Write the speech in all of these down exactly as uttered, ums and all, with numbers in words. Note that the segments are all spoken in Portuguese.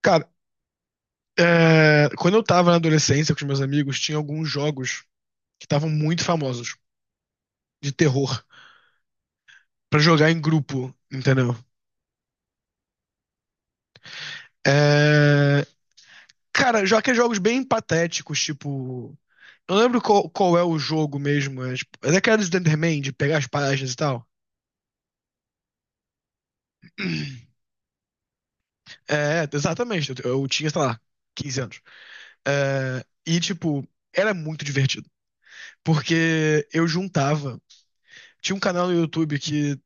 Cara, é, quando eu tava na adolescência com os meus amigos, tinha alguns jogos que estavam muito famosos de terror pra jogar em grupo, entendeu? É, cara, já que é jogos bem patéticos, tipo. Eu não lembro qual, qual é o jogo mesmo. É, tipo, é daquela do Slenderman, de pegar as páginas e tal. É, exatamente. Eu, eu tinha, sei lá, quinze anos. É, e, tipo, era muito divertido. Porque eu juntava. Tinha um canal no YouTube que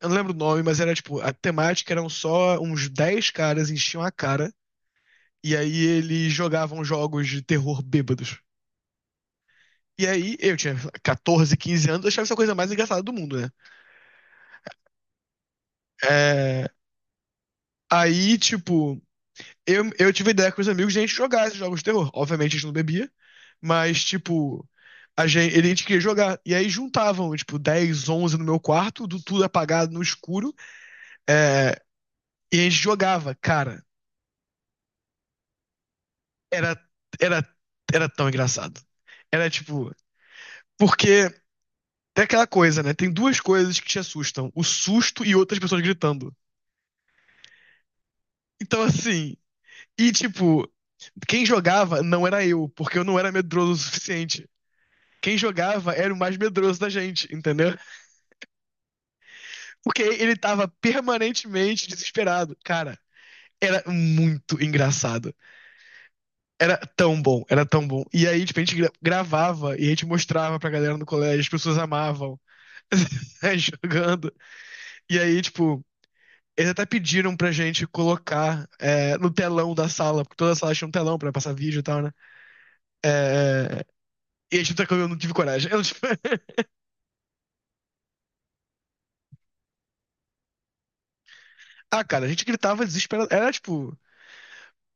eu não lembro o nome, mas era tipo, a temática eram só uns dez caras enchiam a cara, e aí eles jogavam jogos de terror bêbados. E aí, eu tinha catorze, quinze anos, eu achava essa coisa mais engraçada do mundo, né? É, aí, tipo, eu, eu tive ideia com os amigos de a gente jogar esses jogos de terror. Obviamente a gente não bebia, mas, tipo, a gente, ele- a gente queria jogar. E aí juntavam, tipo, dez, onze no meu quarto, do tudo apagado no escuro, é, e a gente jogava, cara. era, era, era tão engraçado. Era tipo, porque tem aquela coisa, né? Tem duas coisas que te assustam: o susto e outras pessoas gritando. Então, assim, e tipo, quem jogava não era eu, porque eu não era medroso o suficiente. Quem jogava era o mais medroso da gente, entendeu? Porque ele tava permanentemente desesperado. Cara, era muito engraçado. Era tão bom, era tão bom. E aí, tipo, a gente gra- gravava e a gente mostrava pra galera no colégio, as pessoas amavam. jogando. E aí, tipo, eles até pediram pra gente colocar é, no telão da sala, porque toda a sala tinha um telão pra passar vídeo e tal, né? É, é, e a gente até que eu não tive coragem. Eu, tipo, ah, cara, a gente gritava desesperado. Era tipo.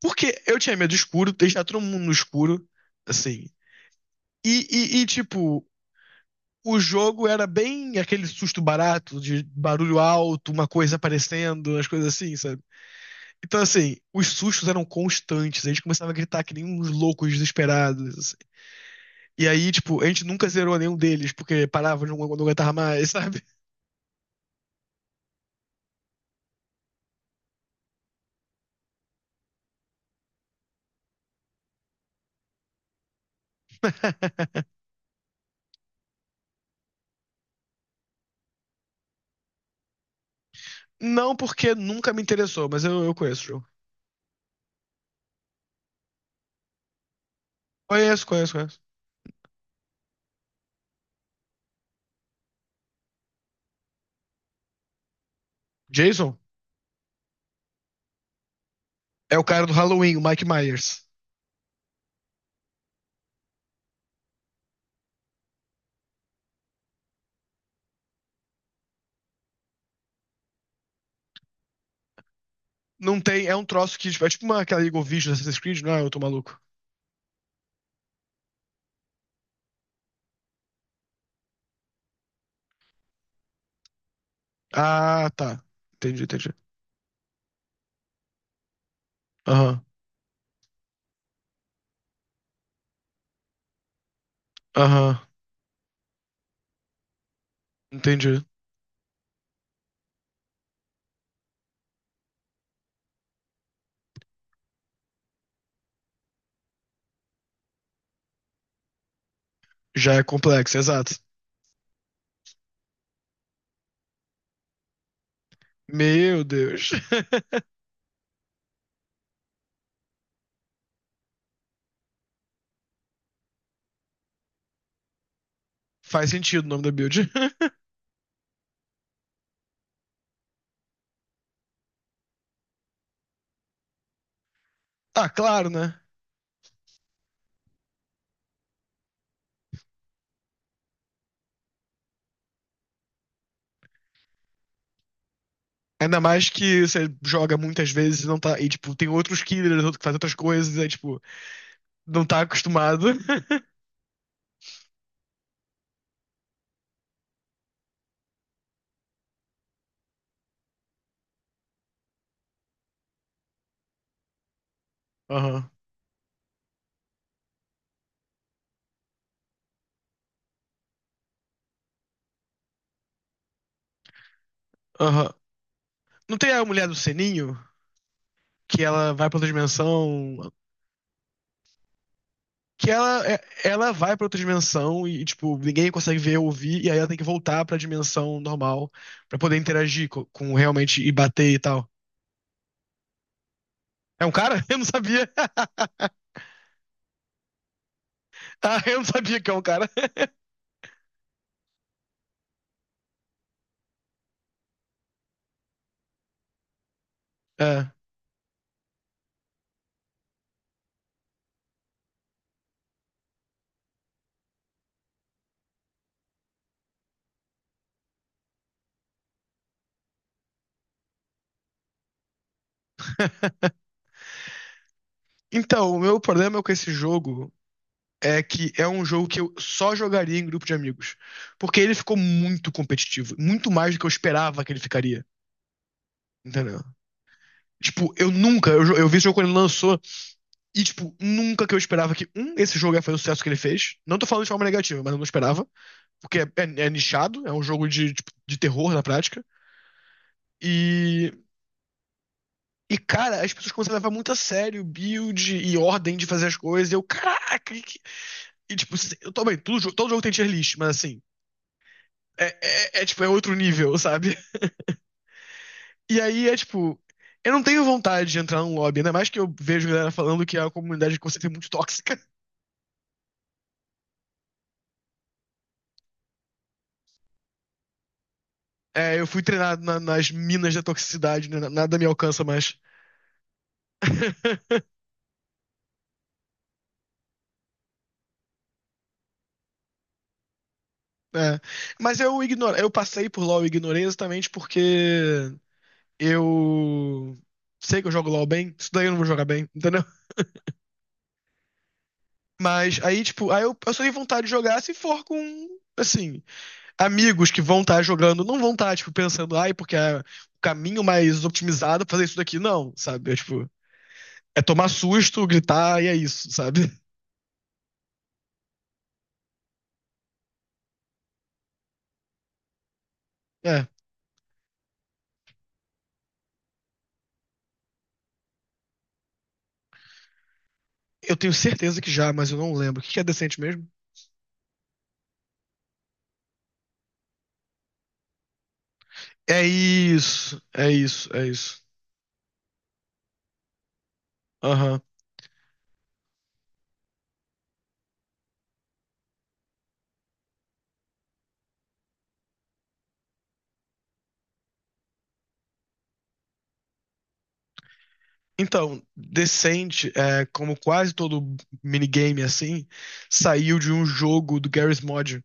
Porque eu tinha medo do escuro, deixar todo mundo no escuro, assim. E, e, e, tipo, o jogo era bem aquele susto barato, de barulho alto, uma coisa aparecendo, as coisas assim, sabe? Então, assim, os sustos eram constantes. A gente começava a gritar que nem uns loucos desesperados. Assim. E aí, tipo, a gente nunca zerou nenhum deles, porque parava, não, não aguentava mais, sabe? Não porque nunca me interessou, mas eu, eu conheço o jogo. Conheço, conheço, conheço. Jason é o cara do Halloween, o Mike Myers. Não tem, é um troço que, tipo, é tipo uma, aquela Eagle Vision do Assassin's Creed, não é? Eu tô maluco. Ah, tá. Entendi, entendi. Aham, aham. Entendi. Já é complexo, exato. Meu Deus. Faz sentido o nome da build. Ah, claro, né? Ainda mais que você joga muitas vezes e não tá. E, tipo, tem outros killers, outro que faz outras coisas, aí, tipo, não tá acostumado. Aham, aham. Não tem a mulher do Seninho? Que ela vai pra outra dimensão. Que ela, é- ela vai pra outra dimensão e, tipo, ninguém consegue ver ou ouvir, e aí ela tem que voltar pra dimensão normal pra poder interagir co- com, realmente e bater e tal. É um cara? Eu não sabia. Ah, eu não sabia que é um cara. É. Então, o meu problema com esse jogo é que é um jogo que eu só jogaria em grupo de amigos. Porque ele ficou muito competitivo, muito mais do que eu esperava que ele ficaria, entendeu? Tipo, eu nunca, eu, jo- eu vi esse jogo quando ele lançou, e, tipo, nunca que eu esperava que, um, esse jogo ia fazer o sucesso que ele fez. Não tô falando de forma negativa, mas eu não esperava, porque é, é- é nichado, é um jogo de, tipo, de terror na prática. E, e, cara, as pessoas começaram a levar muito a sério build e ordem de fazer as coisas, e eu, caraca, que, que... E, tipo, eu tô bem, todo, jo- todo jogo tem tier list, mas assim. É, é, é, tipo, é outro nível, sabe? E aí é tipo. Eu não tenho vontade de entrar num lobby, ainda mais que eu vejo galera falando que a comunidade que você tem muito tóxica. É, eu fui treinado na- nas minas da toxicidade, né? nada me alcança mais. É. Mas eu ignoro, eu passei por LoL e ignorei exatamente porque eu sei que eu jogo LoL bem, isso daí eu não vou jogar bem, entendeu? Mas aí, tipo, aí eu, eu só tenho vontade de jogar se for com, assim, amigos que vão estar jogando não vão estar, tipo, pensando, ai, porque é o caminho mais otimizado é fazer isso daqui. Não, sabe? É, tipo, é tomar susto, gritar e é isso, sabe? É. Eu tenho certeza que já, mas eu não lembro. O que que é decente mesmo? É isso, é isso, é isso. Aham. Então, Decent, é, como quase todo minigame assim, saiu de um jogo do Garry's Mod,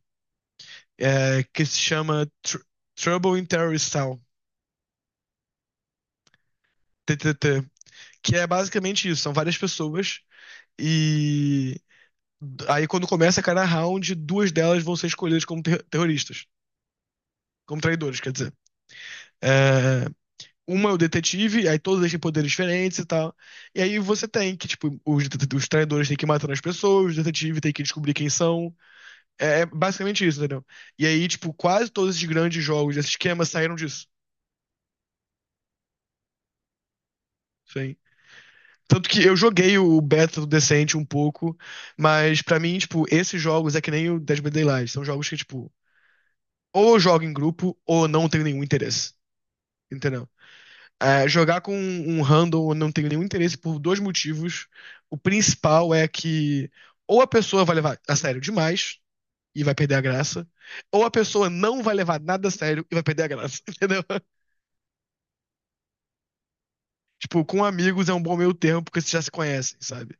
é, que se chama Tr- Trouble in Terrorist Town, T T T, que é basicamente isso, são várias pessoas. E aí, quando começa cada round, duas delas vão ser escolhidas como ter- terroristas, como traidores, quer dizer. É, uma é o detetive, aí todos eles têm poderes diferentes e tal. E aí você tem que, tipo, os, os traidores têm que ir matando as pessoas, o detetive tem que descobrir quem são. É, é basicamente isso, entendeu? E aí, tipo, quase todos esses grandes jogos, esses esquemas saíram disso. Sim. Tanto que eu joguei o beta do Decente um pouco, mas pra mim, tipo, esses jogos é que nem o Dead by Daylight. São jogos que, tipo, ou eu jogo em grupo ou eu não tenho nenhum interesse, entendeu? É, jogar com um handle eu não tenho nenhum interesse por dois motivos. O principal é que ou a pessoa vai levar a sério demais e vai perder a graça, ou a pessoa não vai levar nada a sério e vai perder a graça, entendeu? Tipo, com amigos é um bom meio termo porque vocês já se conhecem, sabe?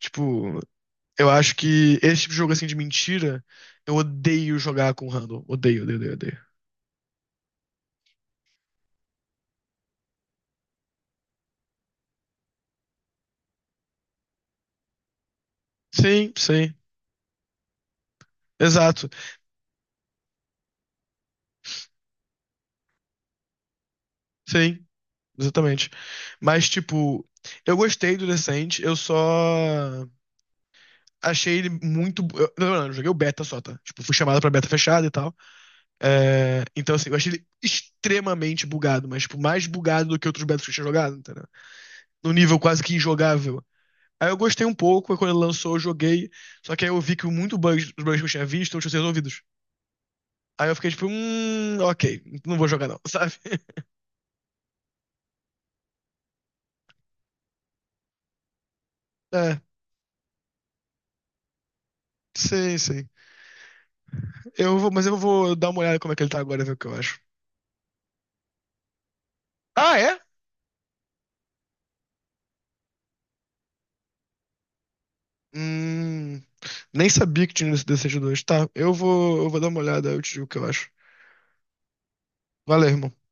Tipo, eu acho que esse tipo de jogo assim de mentira, eu odeio jogar com handle. Odeio, odeio, odeio, odeio. Sim, sim. Exato. Sim. Exatamente. Mas, tipo, eu gostei do Descent, eu só achei ele muito. eu- não, não, eu joguei o beta só, tá? Tipo, fui chamado pra beta fechada e tal. É, então, assim, eu achei ele extremamente bugado, mas, tipo, mais bugado do que outros betas que eu tinha jogado, entendeu? No nível quase que injogável. Aí eu gostei um pouco, aí quando ele lançou, eu joguei. Só que aí eu vi que muito bugs, os bugs que eu tinha visto não tinham sido resolvidos. Aí eu fiquei tipo, hum, ok, não vou jogar não, sabe? É, sim, sim. Eu vou, mas eu vou dar uma olhada como é que ele tá agora, e ver o que eu acho. Ah, é? Hum, nem sabia que tinha esse D C G two. Tá, eu vou, eu vou dar uma olhada, eu te digo o que eu acho. Valeu, irmão.